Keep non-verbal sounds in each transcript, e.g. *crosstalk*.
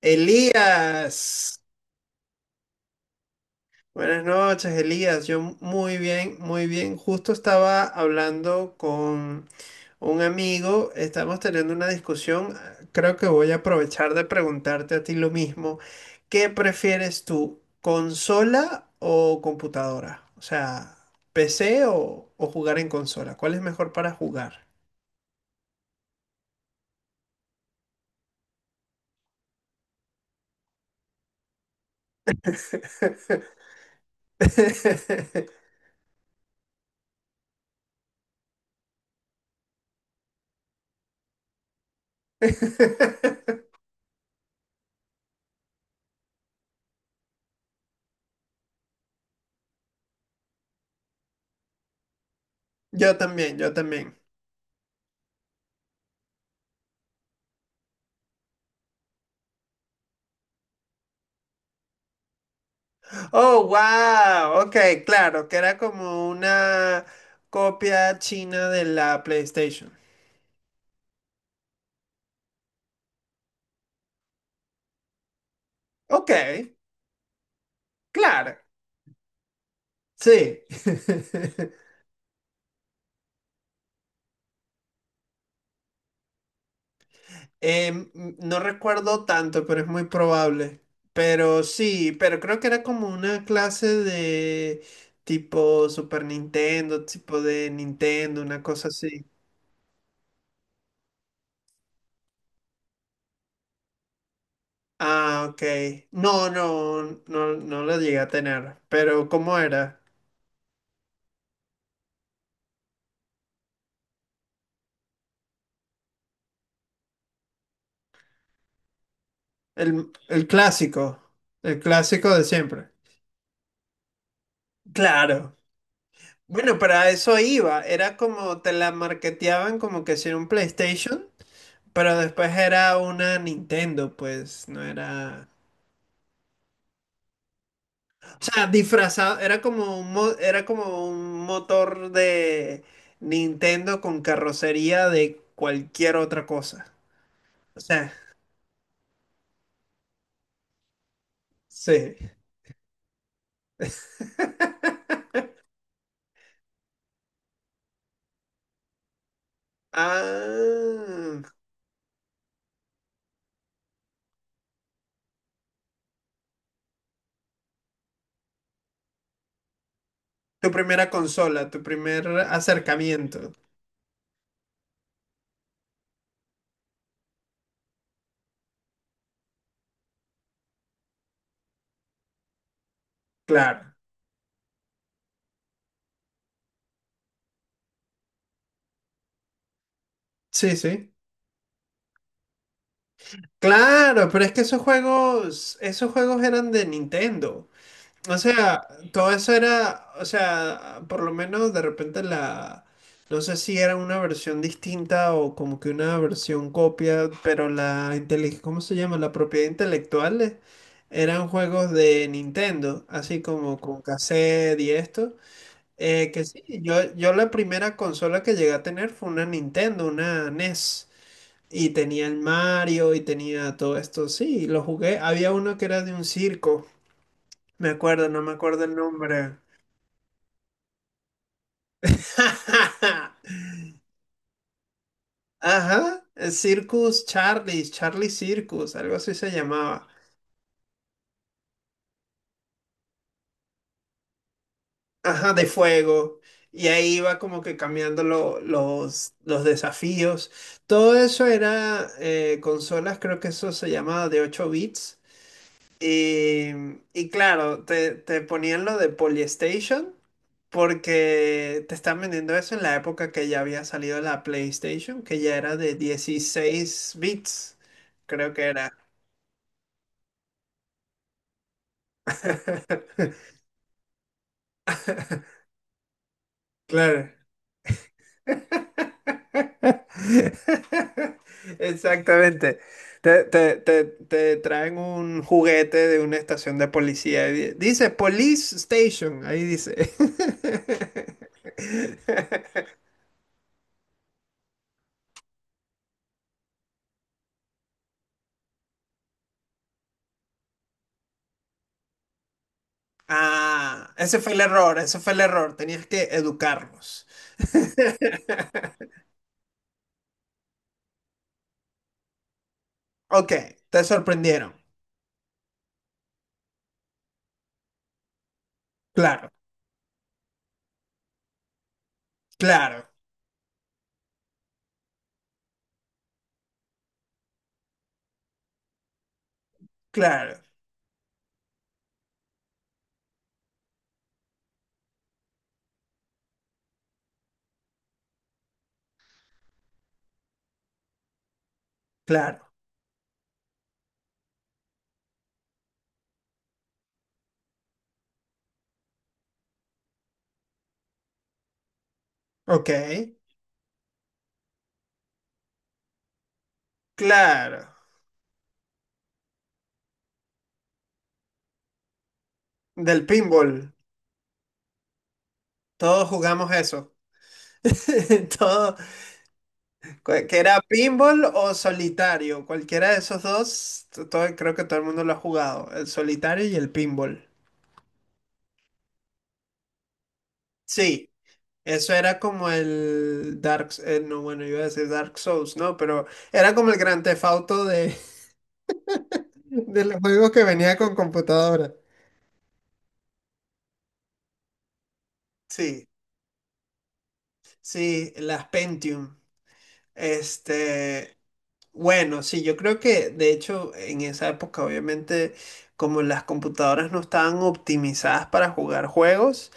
Elías, buenas noches, Elías. Yo muy bien, muy bien. Justo estaba hablando con un amigo, estamos teniendo una discusión. Creo que voy a aprovechar de preguntarte a ti lo mismo. ¿Qué prefieres tú, consola o computadora? O sea, PC o jugar en consola. ¿Cuál es mejor para jugar? *laughs* Yo también, yo también. Oh, wow. Ok, claro, que era como una copia china de la PlayStation. Ok, claro. Sí. *laughs* Em, no recuerdo tanto, pero es muy probable. Pero sí, pero creo que era como una clase de tipo Super Nintendo, tipo de Nintendo, una cosa así. Ah, ok. No, no, no, no la llegué a tener. Pero ¿cómo era? El, el clásico, el clásico de siempre. Claro. Bueno, para eso iba. Era como te la marketeaban como que si era un PlayStation, pero después era una Nintendo, pues no era. O sea, disfrazado, era como un, era como un motor de Nintendo con carrocería de cualquier otra cosa. O sea, sí. Ah, tu primera consola, tu primer acercamiento. Claro. Sí, sí. Claro, pero es que esos juegos eran de Nintendo. O sea, todo eso era, o sea, por lo menos de repente la, no sé si era una versión distinta o como que una versión copia, pero la ¿cómo se llama? La propiedad intelectual eran juegos de Nintendo, así como con cassette y esto. Que sí, yo la primera consola que llegué a tener fue una Nintendo, una NES. Y tenía el Mario y tenía todo esto. Sí, lo jugué. Había uno que era de un circo. Me acuerdo, no me acuerdo el nombre. *laughs* Ajá, el Circus Charlie, Charlie Circus, algo así se llamaba. Ajá, de fuego. Y ahí iba como que cambiando los desafíos. Todo eso era consolas, creo que eso se llamaba de 8 bits. Y, y claro, te ponían lo de Polystation. Porque te están vendiendo eso en la época que ya había salido la PlayStation, que ya era de dieciséis bits, creo que era. *laughs* Claro. *laughs* Exactamente. Te traen un juguete de una estación de policía. Y dice Police Station, ahí dice. *laughs* Ah, ese fue el error, ese fue el error. Tenías que educarlos. *laughs* Ok, te sorprendieron. Claro, claro, claro, claro. Ok, claro. Del pinball. Todos jugamos eso. *laughs* Todo, que era pinball o solitario. Cualquiera de esos dos, todo, creo que todo el mundo lo ha jugado. El solitario y el pinball. Sí, eso era como el Dark... no, bueno, iba a decir Dark Souls, ¿no? Pero era como el gran Theft Auto de, *laughs* de los juegos que venía con computadora. Sí, sí, las Pentium. Este, bueno, sí, yo creo que de hecho en esa época obviamente como las computadoras no estaban optimizadas para jugar juegos,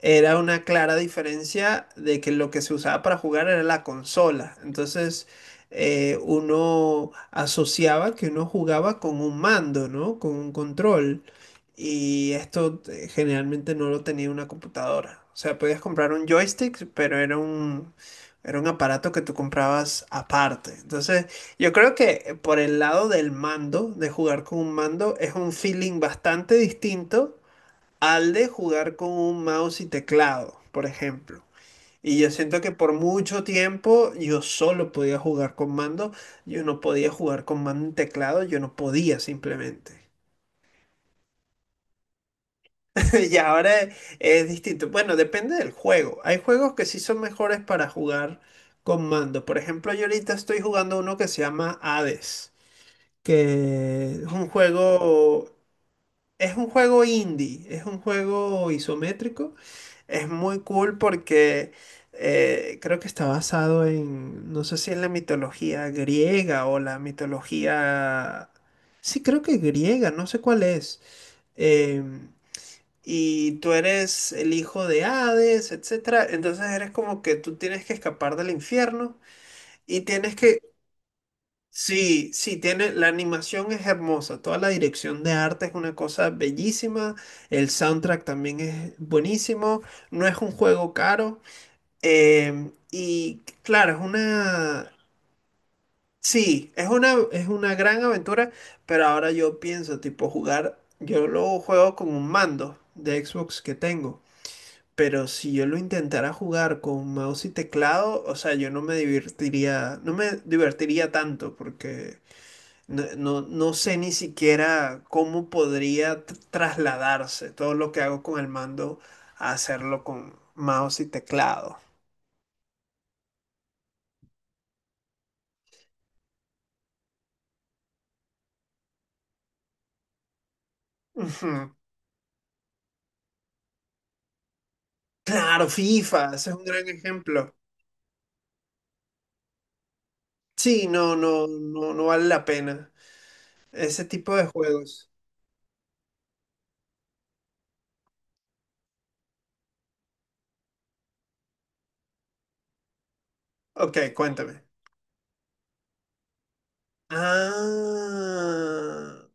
era una clara diferencia de que lo que se usaba para jugar era la consola. Entonces uno asociaba que uno jugaba con un mando, ¿no? Con un control. Y esto generalmente no lo tenía una computadora. O sea, podías comprar un joystick, pero era era un aparato que tú comprabas aparte. Entonces... Yo creo que por el lado del mando, de jugar con un mando, es un feeling bastante distinto al de jugar con un mouse y teclado, por ejemplo. Y yo siento que por mucho tiempo yo solo podía jugar con mando, yo no podía jugar con mando y teclado, yo no podía simplemente. *laughs* Y ahora es distinto. Bueno, depende del juego. Hay juegos que sí son mejores para jugar con mando. Por ejemplo, yo ahorita estoy jugando uno que se llama Hades. Que es un juego indie, es un juego isométrico, es muy cool porque creo que está basado en, no sé si en la mitología griega o la mitología, sí creo que griega, no sé cuál es. Em, y tú eres el hijo de Hades, etcétera. Entonces eres como que tú tienes que escapar del infierno y tienes que... Sí, sí, tiene, la animación es hermosa, toda la dirección de arte es una cosa bellísima, el soundtrack también es buenísimo, no es un juego caro, y claro, es una, sí, es una gran aventura, pero ahora yo pienso, tipo, jugar, yo lo juego con un mando de Xbox que tengo, pero si yo lo intentara jugar con mouse y teclado, o sea, yo no me divertiría, no me divertiría tanto, porque... No, no, no sé ni siquiera cómo podría trasladarse todo lo que hago con el mando a hacerlo con mouse y teclado. Ujú. Claro, FIFA, ese es un gran ejemplo. Sí, no, no, no, no vale la pena. Ese tipo de juegos. Ok, cuéntame. Ah,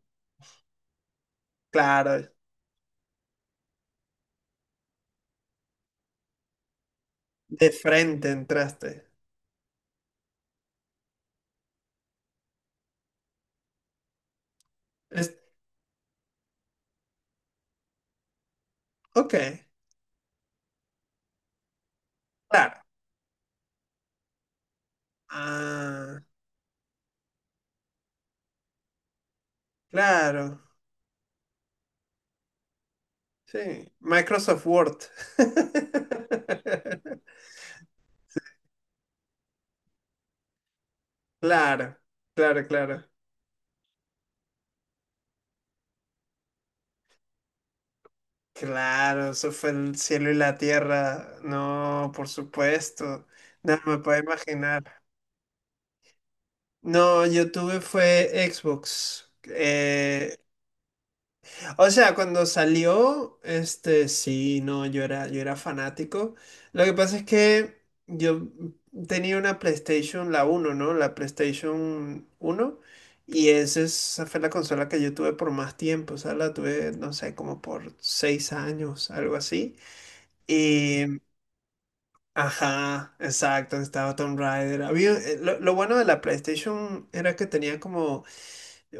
claro, de frente entraste. Es- ok, claro. Ah, claro. Sí, Microsoft Word. *laughs* Claro, claro, claro. Claro, eso fue el cielo y la tierra. No, por supuesto. No me puedo imaginar. No, yo tuve fue Xbox. O sea, cuando salió, este, sí, no, yo era fanático. Lo que pasa es que yo tenía una PlayStation, la uno, ¿no? La PlayStation uno. Y esa, esa fue la consola que yo tuve por más tiempo. O sea, la tuve, no sé, como por seis años, algo así. Y, ajá, exacto, estaba Tomb Raider. Había, lo bueno de la PlayStation era que tenía como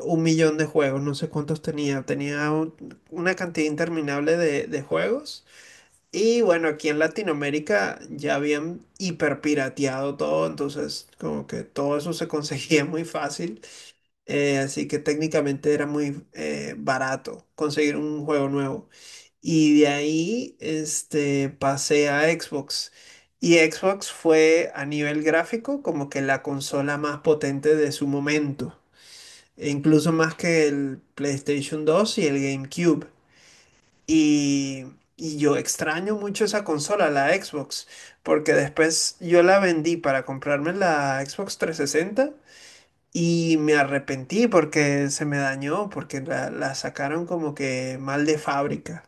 un millón de juegos, no sé cuántos tenía, tenía una cantidad interminable de juegos. Y bueno, aquí en Latinoamérica ya habían hiperpirateado todo, entonces como que todo eso se conseguía *laughs* muy fácil, así que técnicamente era muy barato conseguir un juego nuevo. Y de ahí pasé a Xbox. Y Xbox fue a nivel gráfico como que la consola más potente de su momento e incluso más que el PlayStation 2 y el GameCube. Y, y yo extraño mucho esa consola, la Xbox, porque después yo la vendí para comprarme la Xbox 360 y me arrepentí porque se me dañó, porque la sacaron como que mal de fábrica.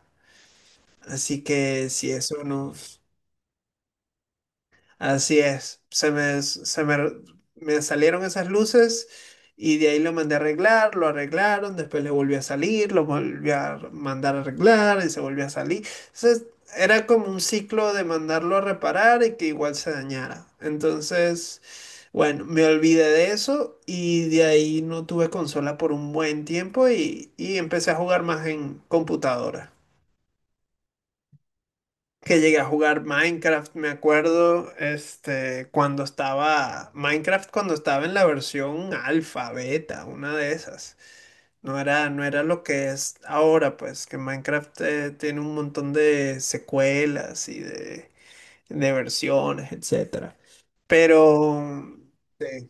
Así que si eso no... Así es, me salieron esas luces y de ahí lo mandé a arreglar, lo arreglaron, después le volvió a salir, lo volví a mandar a arreglar y se volvió a salir. Entonces era como un ciclo de mandarlo a reparar y que igual se dañara. Entonces, bueno, me olvidé de eso y de ahí no tuve consola por un buen tiempo y empecé a jugar más en computadora que llegué a jugar Minecraft, me acuerdo, cuando estaba, Minecraft cuando estaba en la versión alfa, beta, una de esas. No era, no era lo que es ahora, pues, que Minecraft tiene un montón de secuelas y de versiones, etcétera. Pero, sí.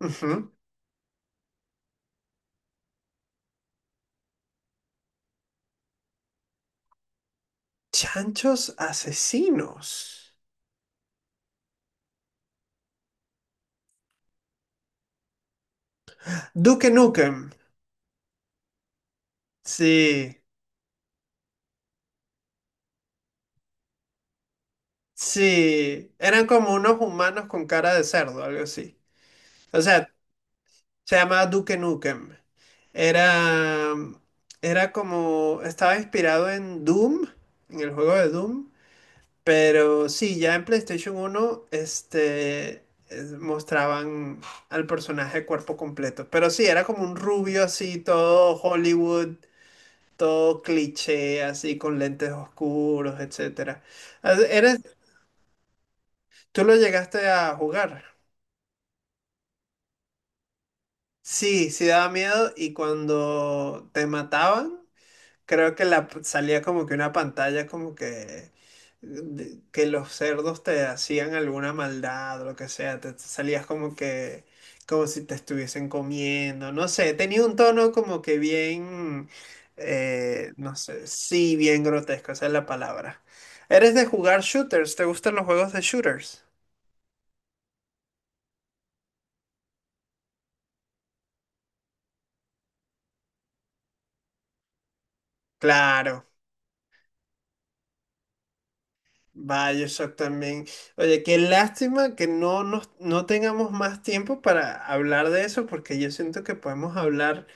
Ujú. Chanchos asesinos. Duke Nukem. Sí, sí. Eran como unos humanos con cara de cerdo, algo así. O sea, se llamaba Duke Nukem. Era, era como, estaba inspirado en Doom, en el juego de Doom, pero sí, ya en PlayStation uno, mostraban al personaje cuerpo completo. Pero sí, era como un rubio así, todo Hollywood, todo cliché, así con lentes oscuros, etcétera. Ah, ¿eres, tú lo llegaste a jugar? Sí, sí daba miedo. Y cuando te mataban, creo que la salía como que una pantalla como que que los cerdos te hacían alguna maldad o lo que sea, te te salías como que como si te estuviesen comiendo, no sé, tenía un tono como que bien no sé, sí, bien grotesco, esa es la palabra. ¿Eres de jugar shooters? ¿Te gustan los juegos de shooters? Claro. Vaya, yo también. Oye, qué lástima que no, nos, no tengamos más tiempo para hablar de eso, porque yo siento que podemos hablar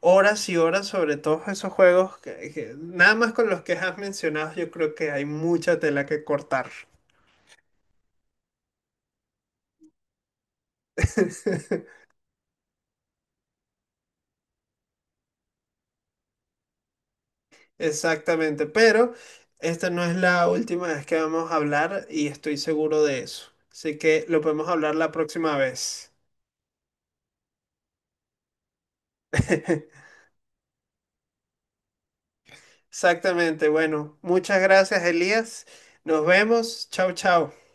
horas y horas sobre todos esos juegos que, nada más con los que has mencionado, yo creo que hay mucha tela que cortar. *laughs* Exactamente, pero esta no es la última vez que vamos a hablar y estoy seguro de eso. Así que lo podemos hablar la próxima vez. *laughs* Exactamente. Bueno, muchas gracias, Elías. Nos vemos. Chao, chao.